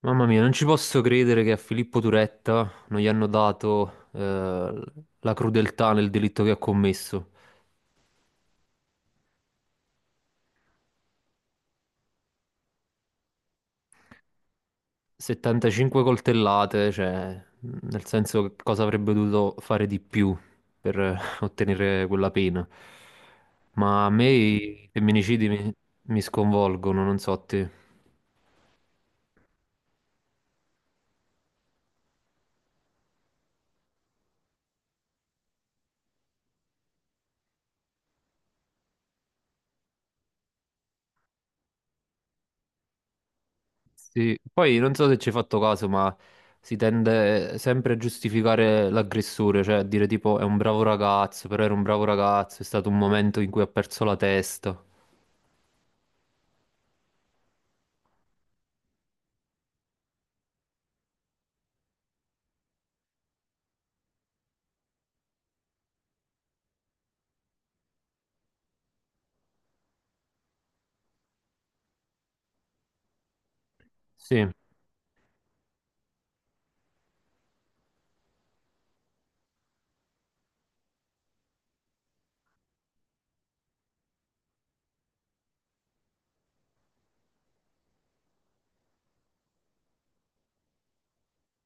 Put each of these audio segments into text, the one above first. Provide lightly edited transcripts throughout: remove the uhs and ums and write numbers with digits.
Mamma mia, non ci posso credere che a Filippo Turetta non gli hanno dato la crudeltà nel delitto che ha commesso. 75 coltellate, cioè, nel senso che cosa avrebbe dovuto fare di più per ottenere quella pena. Ma a me i femminicidi mi sconvolgono, non so a te. Sì, poi non so se ci hai fatto caso, ma si tende sempre a giustificare l'aggressore, cioè a dire tipo è un bravo ragazzo, però era un bravo ragazzo, è stato un momento in cui ha perso la testa. Sì,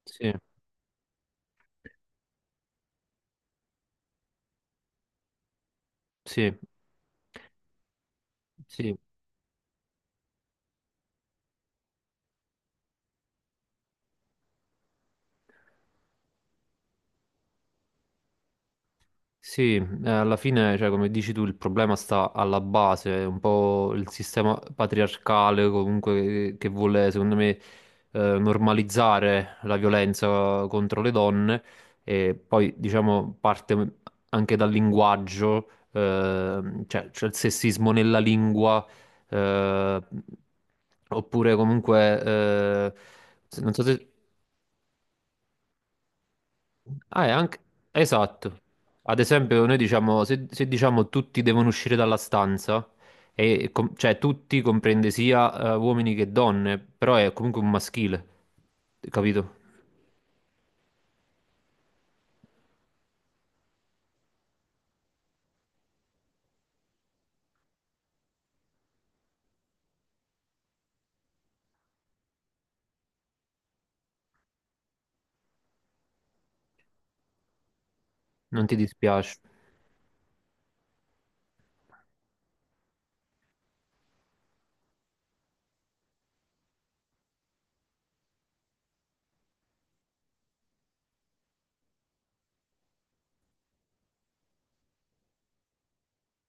sì, sì, sì. Sì, alla fine, cioè, come dici tu, il problema sta alla base, è un po' il sistema patriarcale comunque che vuole, secondo me, normalizzare la violenza contro le donne e poi, diciamo, parte anche dal linguaggio, cioè c'è il sessismo nella lingua, eh, oppure comunque, non so se... Ah, è anche... Esatto. Ad esempio, noi diciamo, se diciamo tutti devono uscire dalla stanza, e cioè tutti comprende sia uomini che donne, però è comunque un maschile, capito? Non ti dispiace.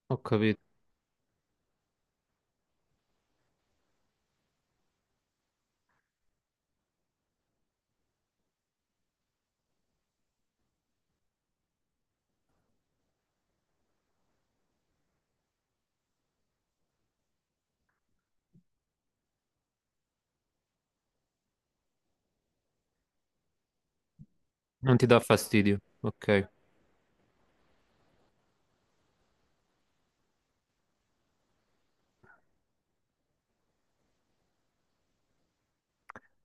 Ho capito. Non ti dà fastidio. Ok.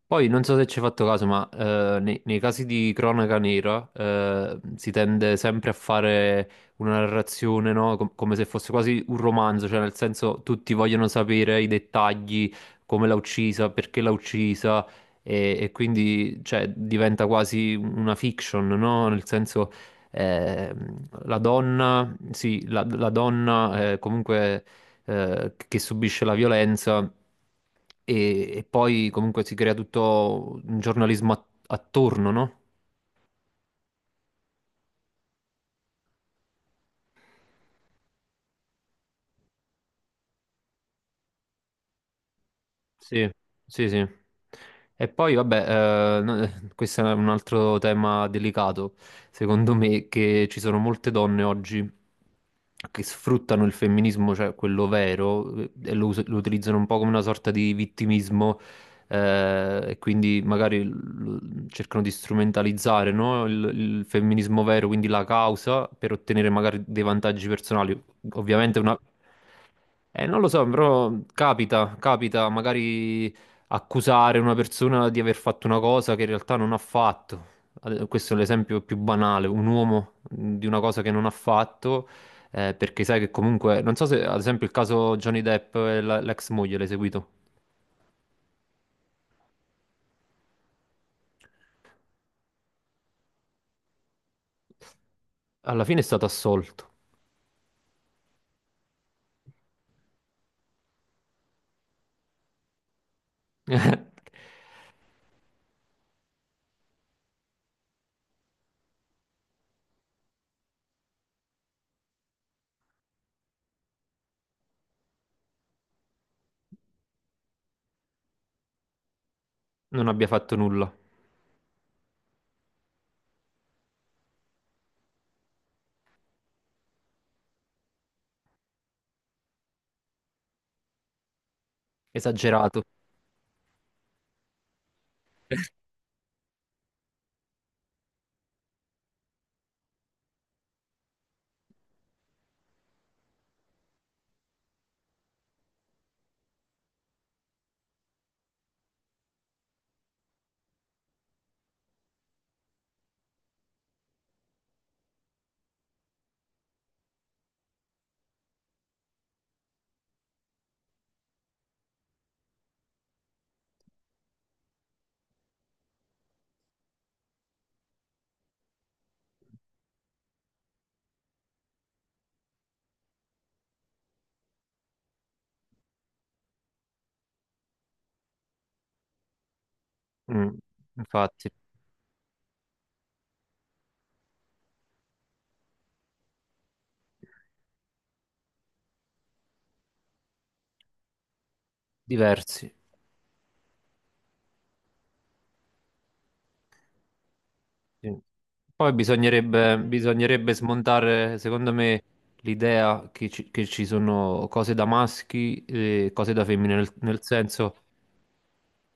Poi non so se ci hai fatto caso, ma nei, nei casi di cronaca nera si tende sempre a fare una narrazione, no? Come se fosse quasi un romanzo, cioè nel senso tutti vogliono sapere i dettagli, come l'ha uccisa, perché l'ha uccisa e quindi cioè, diventa quasi una fiction, no? Nel senso la donna, sì, la, la donna comunque che subisce la violenza e poi comunque si crea tutto un giornalismo attorno, no? Sì, sì, sì. E poi, vabbè, questo è un altro tema delicato, secondo me, che ci sono molte donne oggi che sfruttano il femminismo, cioè quello vero, e lo, lo utilizzano un po' come una sorta di vittimismo, e quindi magari cercano di strumentalizzare, no, il femminismo vero, quindi la causa, per ottenere magari dei vantaggi personali. Ovviamente una non lo so, però capita, capita magari accusare una persona di aver fatto una cosa che in realtà non ha fatto. Questo è l'esempio più banale, un uomo di una cosa che non ha fatto, perché sai che comunque, non so se ad esempio il caso Johnny Depp e l'ex moglie l'hai seguito, alla fine è stato assolto, non abbia fatto nulla, esagerato, mm, infatti, diversi. Sì. Poi bisognerebbe smontare, secondo me, l'idea che ci sono cose da maschi e cose da femmine, nel, nel senso,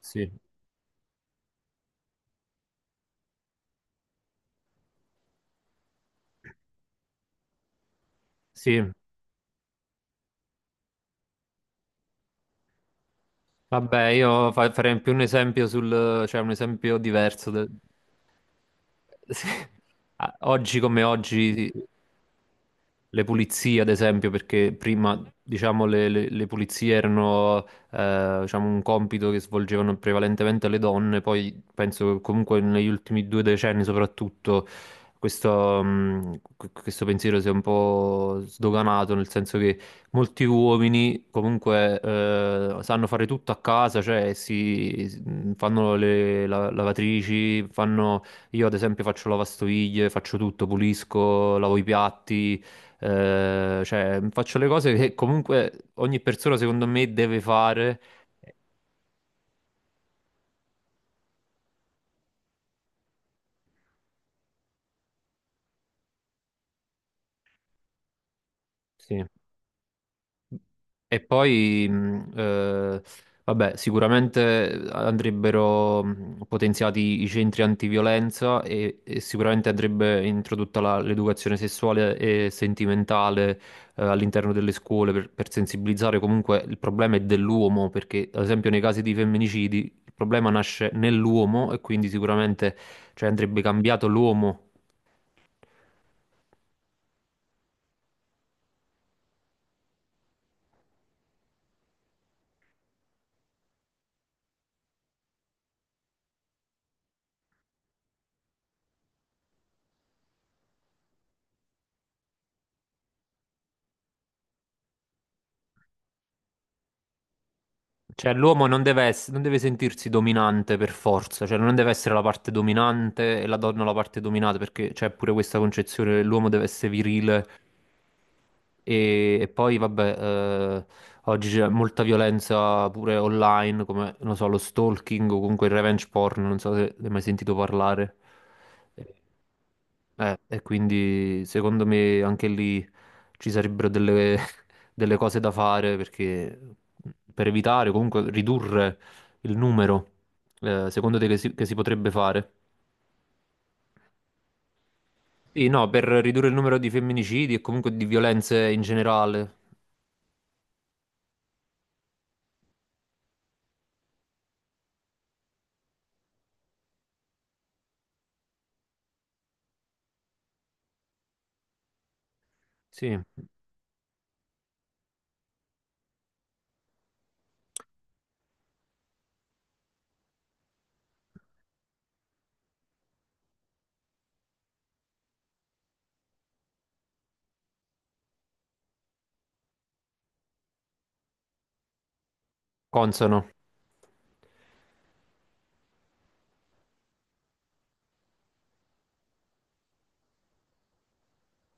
sì, sì, vabbè, io farei più un esempio sul, cioè un esempio diverso. De- Sì. Ah, oggi come oggi le pulizie, ad esempio, perché prima, diciamo, le, le pulizie erano, diciamo, un compito che svolgevano prevalentemente le donne, poi penso che comunque negli ultimi due decenni soprattutto questo, questo pensiero si è un po' sdoganato, nel senso che molti uomini comunque sanno fare tutto a casa, cioè fanno le lavatrici, fanno, io ad esempio faccio lavastoviglie, faccio tutto, pulisco, lavo i piatti, cioè faccio le cose che comunque ogni persona secondo me deve fare. Sì. E poi, vabbè, sicuramente andrebbero potenziati i centri antiviolenza e sicuramente andrebbe introdotta l'educazione sessuale e sentimentale, all'interno delle scuole per sensibilizzare. Comunque il problema è dell'uomo, perché ad esempio nei casi di femminicidi il problema nasce nell'uomo e quindi sicuramente, cioè, andrebbe cambiato l'uomo. Cioè, l'uomo non deve non deve sentirsi dominante per forza, cioè non deve essere la parte dominante e la donna la parte dominata, perché c'è pure questa concezione che l'uomo deve essere virile e poi, vabbè, oggi c'è molta violenza pure online, come, non so, lo stalking o comunque il revenge porn, non so se ne hai mai sentito parlare. E quindi secondo me anche lì ci sarebbero delle, delle cose da fare perché mhmm, per evitare, comunque ridurre il numero, secondo te che si potrebbe fare? Sì, no, per ridurre il numero di femminicidi e comunque di violenze in generale. Sì, consono,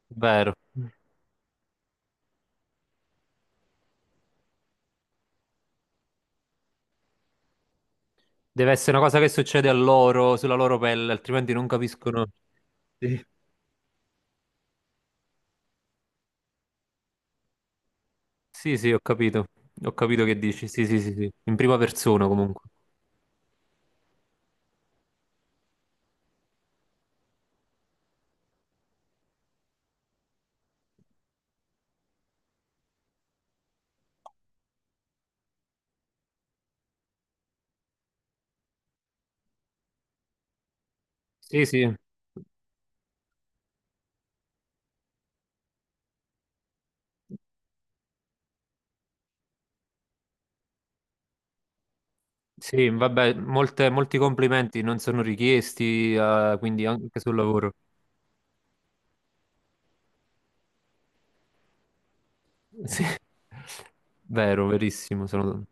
vero. Deve essere una cosa che succede a loro, sulla loro pelle, altrimenti non capiscono. Sì, sì, sì, ho capito. Ho capito che dici. Sì, sì, sì, sì. In prima persona comunque. Sì, sì, sì, vabbè, molti complimenti non sono richiesti, quindi anche sul lavoro. Sì, vero, verissimo, sono-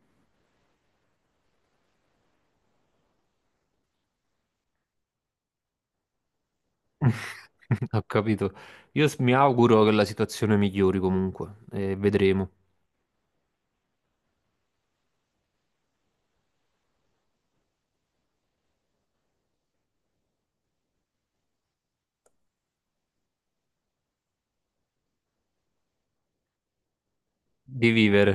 Ho capito. Io mi auguro che la situazione migliori comunque, e vedremo. Di vivere.